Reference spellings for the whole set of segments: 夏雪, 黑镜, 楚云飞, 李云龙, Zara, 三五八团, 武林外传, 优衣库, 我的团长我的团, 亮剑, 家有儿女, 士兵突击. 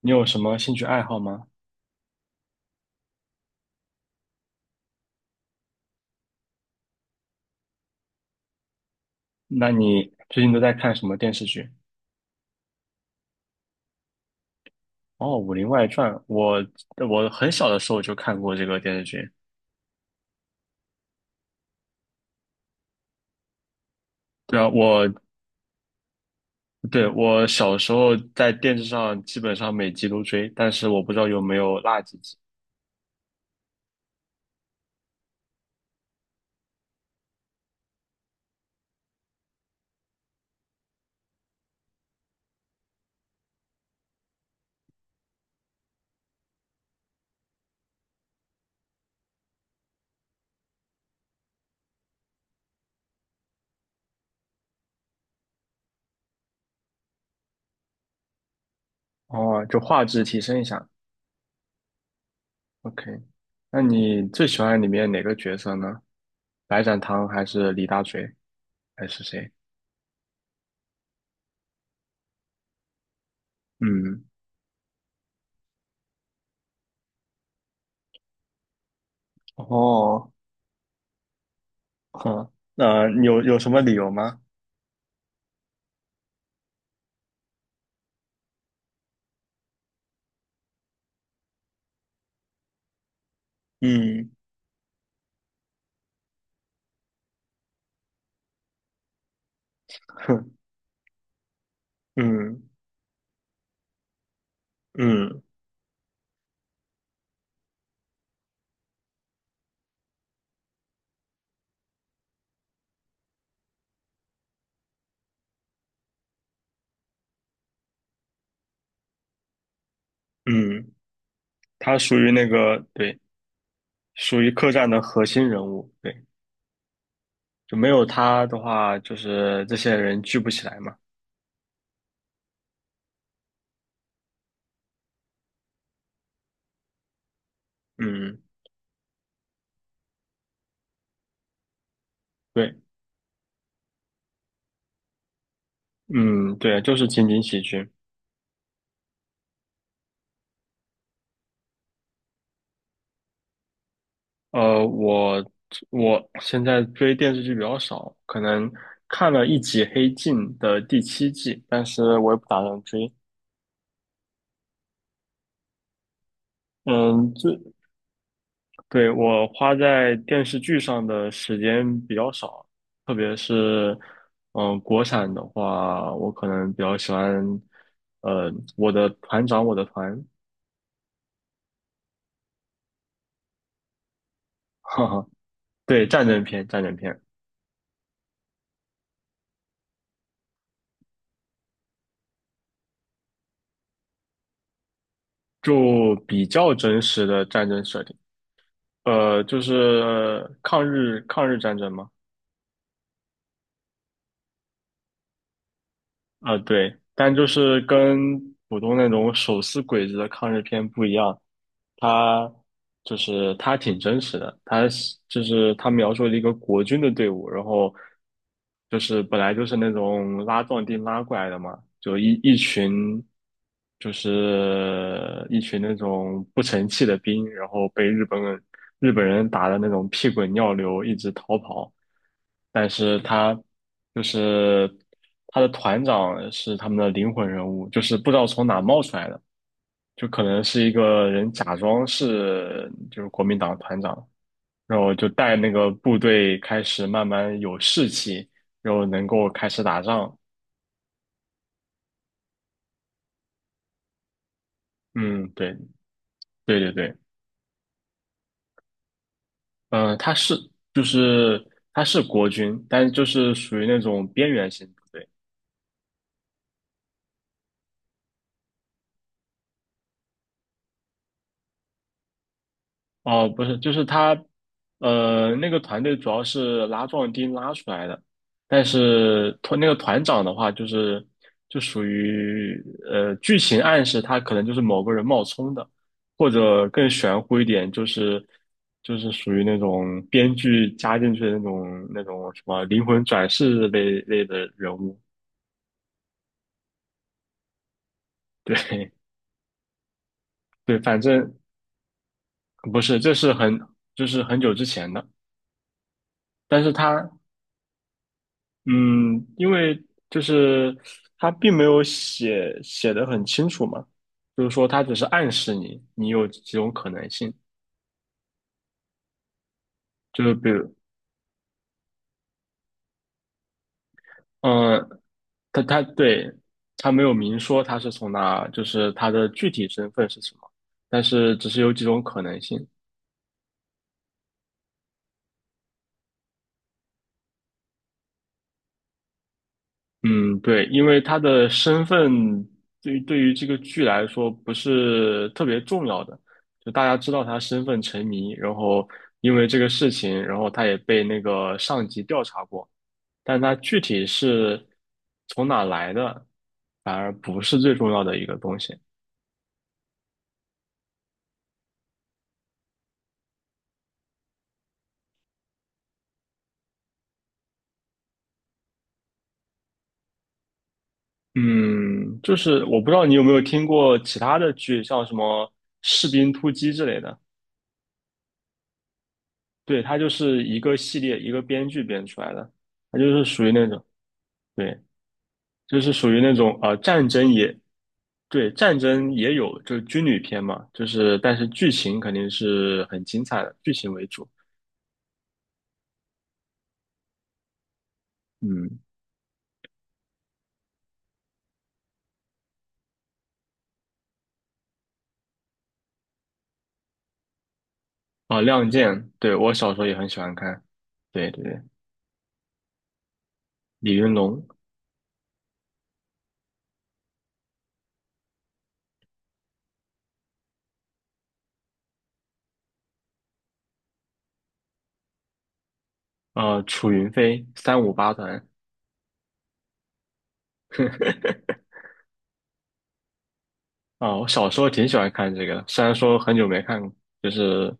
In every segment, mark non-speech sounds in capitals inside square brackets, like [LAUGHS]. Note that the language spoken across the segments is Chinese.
你有什么兴趣爱好吗？那你最近都在看什么电视剧？哦，《武林外传》，我很小的时候就看过这个电视剧。对啊，对我小时候在电视上基本上每集都追，但是我不知道有没有落几集。哦，就画质提升一下。OK，那你最喜欢里面哪个角色呢？白展堂还是李大嘴还是谁？嗯，哦，好，那、你有什么理由吗？嗯，[LAUGHS] 哼，嗯。嗯嗯，他属于那个，对，属于客栈的核心人物，对，就没有他的话，就是这些人聚不起来嘛。嗯，对，嗯，对，就是情景喜剧。呃，我我现在追电视剧比较少，可能看了一集《黑镜》的第七季，但是我也不打算追。嗯，对，我花在电视剧上的时间比较少，特别是，国产的话，我可能比较喜欢，我的团长，我的团，[LAUGHS] 哈哈，对，战争片，战争片，就比较真实的战争设定，就是抗日战争嘛，啊、对，但就是跟普通那种手撕鬼子的抗日片不一样，他就是他挺真实的，他是就是他描述了一个国军的队伍，然后就是本来就是那种拉壮丁拉过来的嘛，就一群就是一群那种不成器的兵，然后被日本人打的那种屁滚尿流，一直逃跑，但是就是他的团长是他们的灵魂人物，就是不知道从哪冒出来的。就可能是一个人假装是国民党团长，然后就带那个部队开始慢慢有士气，然后能够开始打仗。嗯，对，对对对，嗯、他是就是他是国军，但就是属于那种边缘型。哦，不是，就是他，那个团队主要是拉壮丁拉出来的，但是那个团长的话，就属于剧情暗示他可能就是某个人冒充的，或者更玄乎一点，就是属于那种编剧加进去的那种什么灵魂转世类的人物，对 [LAUGHS] 对，反正不是，这是很就是很久之前的。但是他嗯，因为就是他并没有写的很清楚嘛，就是说他只是暗示你，你有几种可能性，就是比如，嗯，他对，他没有明说他是从哪，就是他的具体身份是什么，但是只是有几种可能性，嗯，对，因为他的身份对于这个剧来说不是特别重要的，就大家知道他身份成谜，然后因为这个事情，然后他也被那个上级调查过，但他具体是从哪来的，反而不是最重要的一个东西。嗯，就是我不知道你有没有听过其他的剧，像什么《士兵突击》之类的，对，它就是一个系列一个编剧编出来的，它就是属于那种。对。就是属于那种战争也，对，战争也有，就是军旅片嘛，就是但是剧情肯定是很精彩的，剧情为主。嗯，啊，《亮剑》，对，我小时候也很喜欢看。对对对，李云龙，啊，楚云飞，三五八团。[LAUGHS] 啊，我小时候挺喜欢看这个的，虽然说很久没看过，就是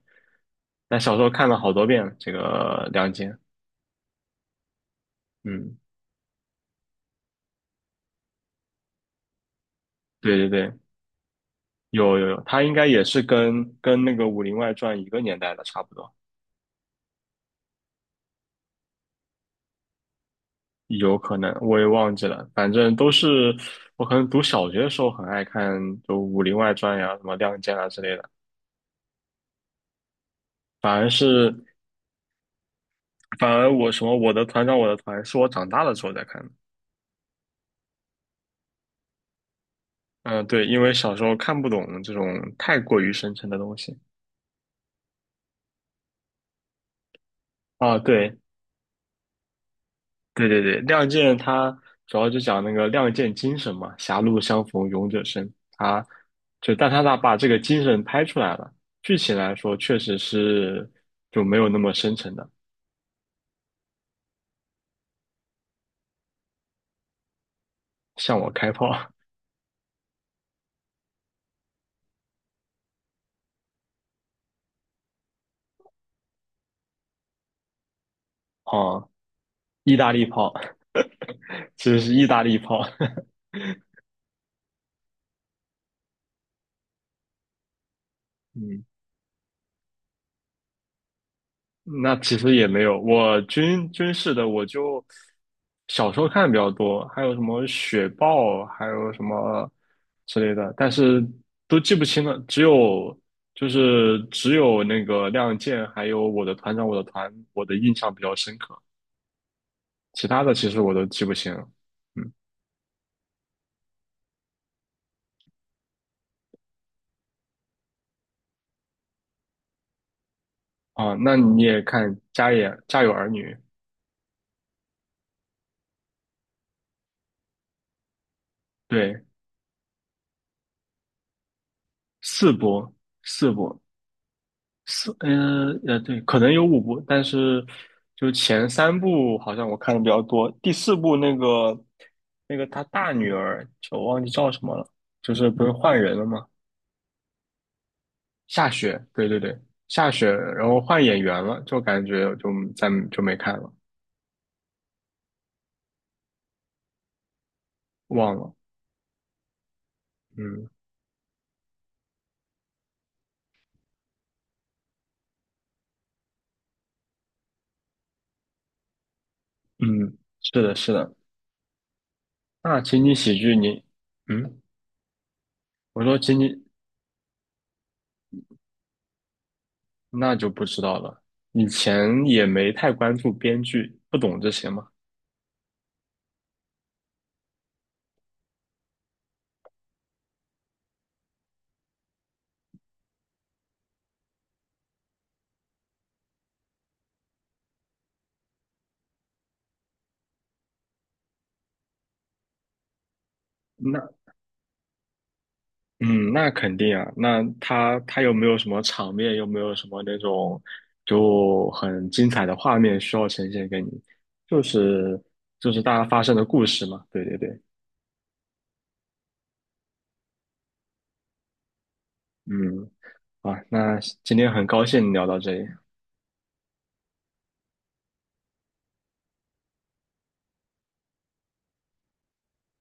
但小时候看了好多遍这个《亮剑》。嗯，对对对，有有有，他应该也是跟那个《武林外传》一个年代的，差不多，有可能我也忘记了，反正都是我可能读小学的时候很爱看，就《武林外传》呀、什么《亮剑》啊之类的。反而是反而我什么我的团长我的团是我长大了之后再看的嗯，对，因为小时候看不懂这种太过于深沉的东西啊。对，对对对，《亮剑》它主要就讲那个亮剑精神嘛，狭路相逢勇者胜。它就，但它把这个精神拍出来了。剧情来说，确实是就没有那么深沉的，向我开炮，[LAUGHS] 哦，意大利炮，其实是意大利炮。[LAUGHS] 嗯，那其实也没有，我军事的我就小时候看的比较多，还有什么雪豹，还有什么之类的，但是都记不清了。只有那个亮剑，还有我的团长，我的团，我的印象比较深刻，其他的其实我都记不清了。嗯，啊，那你也看《家有儿女》，对，四部四部，对，可能有五部，但是就前三部好像我看的比较多，第四部那个他大女儿，我忘记叫什么了，就是不是换人了吗？夏雪，对对对，夏雪，然后换演员了，就感觉就再就没看了，忘了，嗯嗯，是的，是的，那情景喜剧你，嗯，我说情景那就不知道了，以前也没太关注编剧，不懂这些嘛。那嗯，那肯定啊。那他有没有什么场面，又没有什么那种就很精彩的画面需要呈现给你？就是就是大家发生的故事嘛。对对对，嗯，啊，那今天很高兴聊到这里。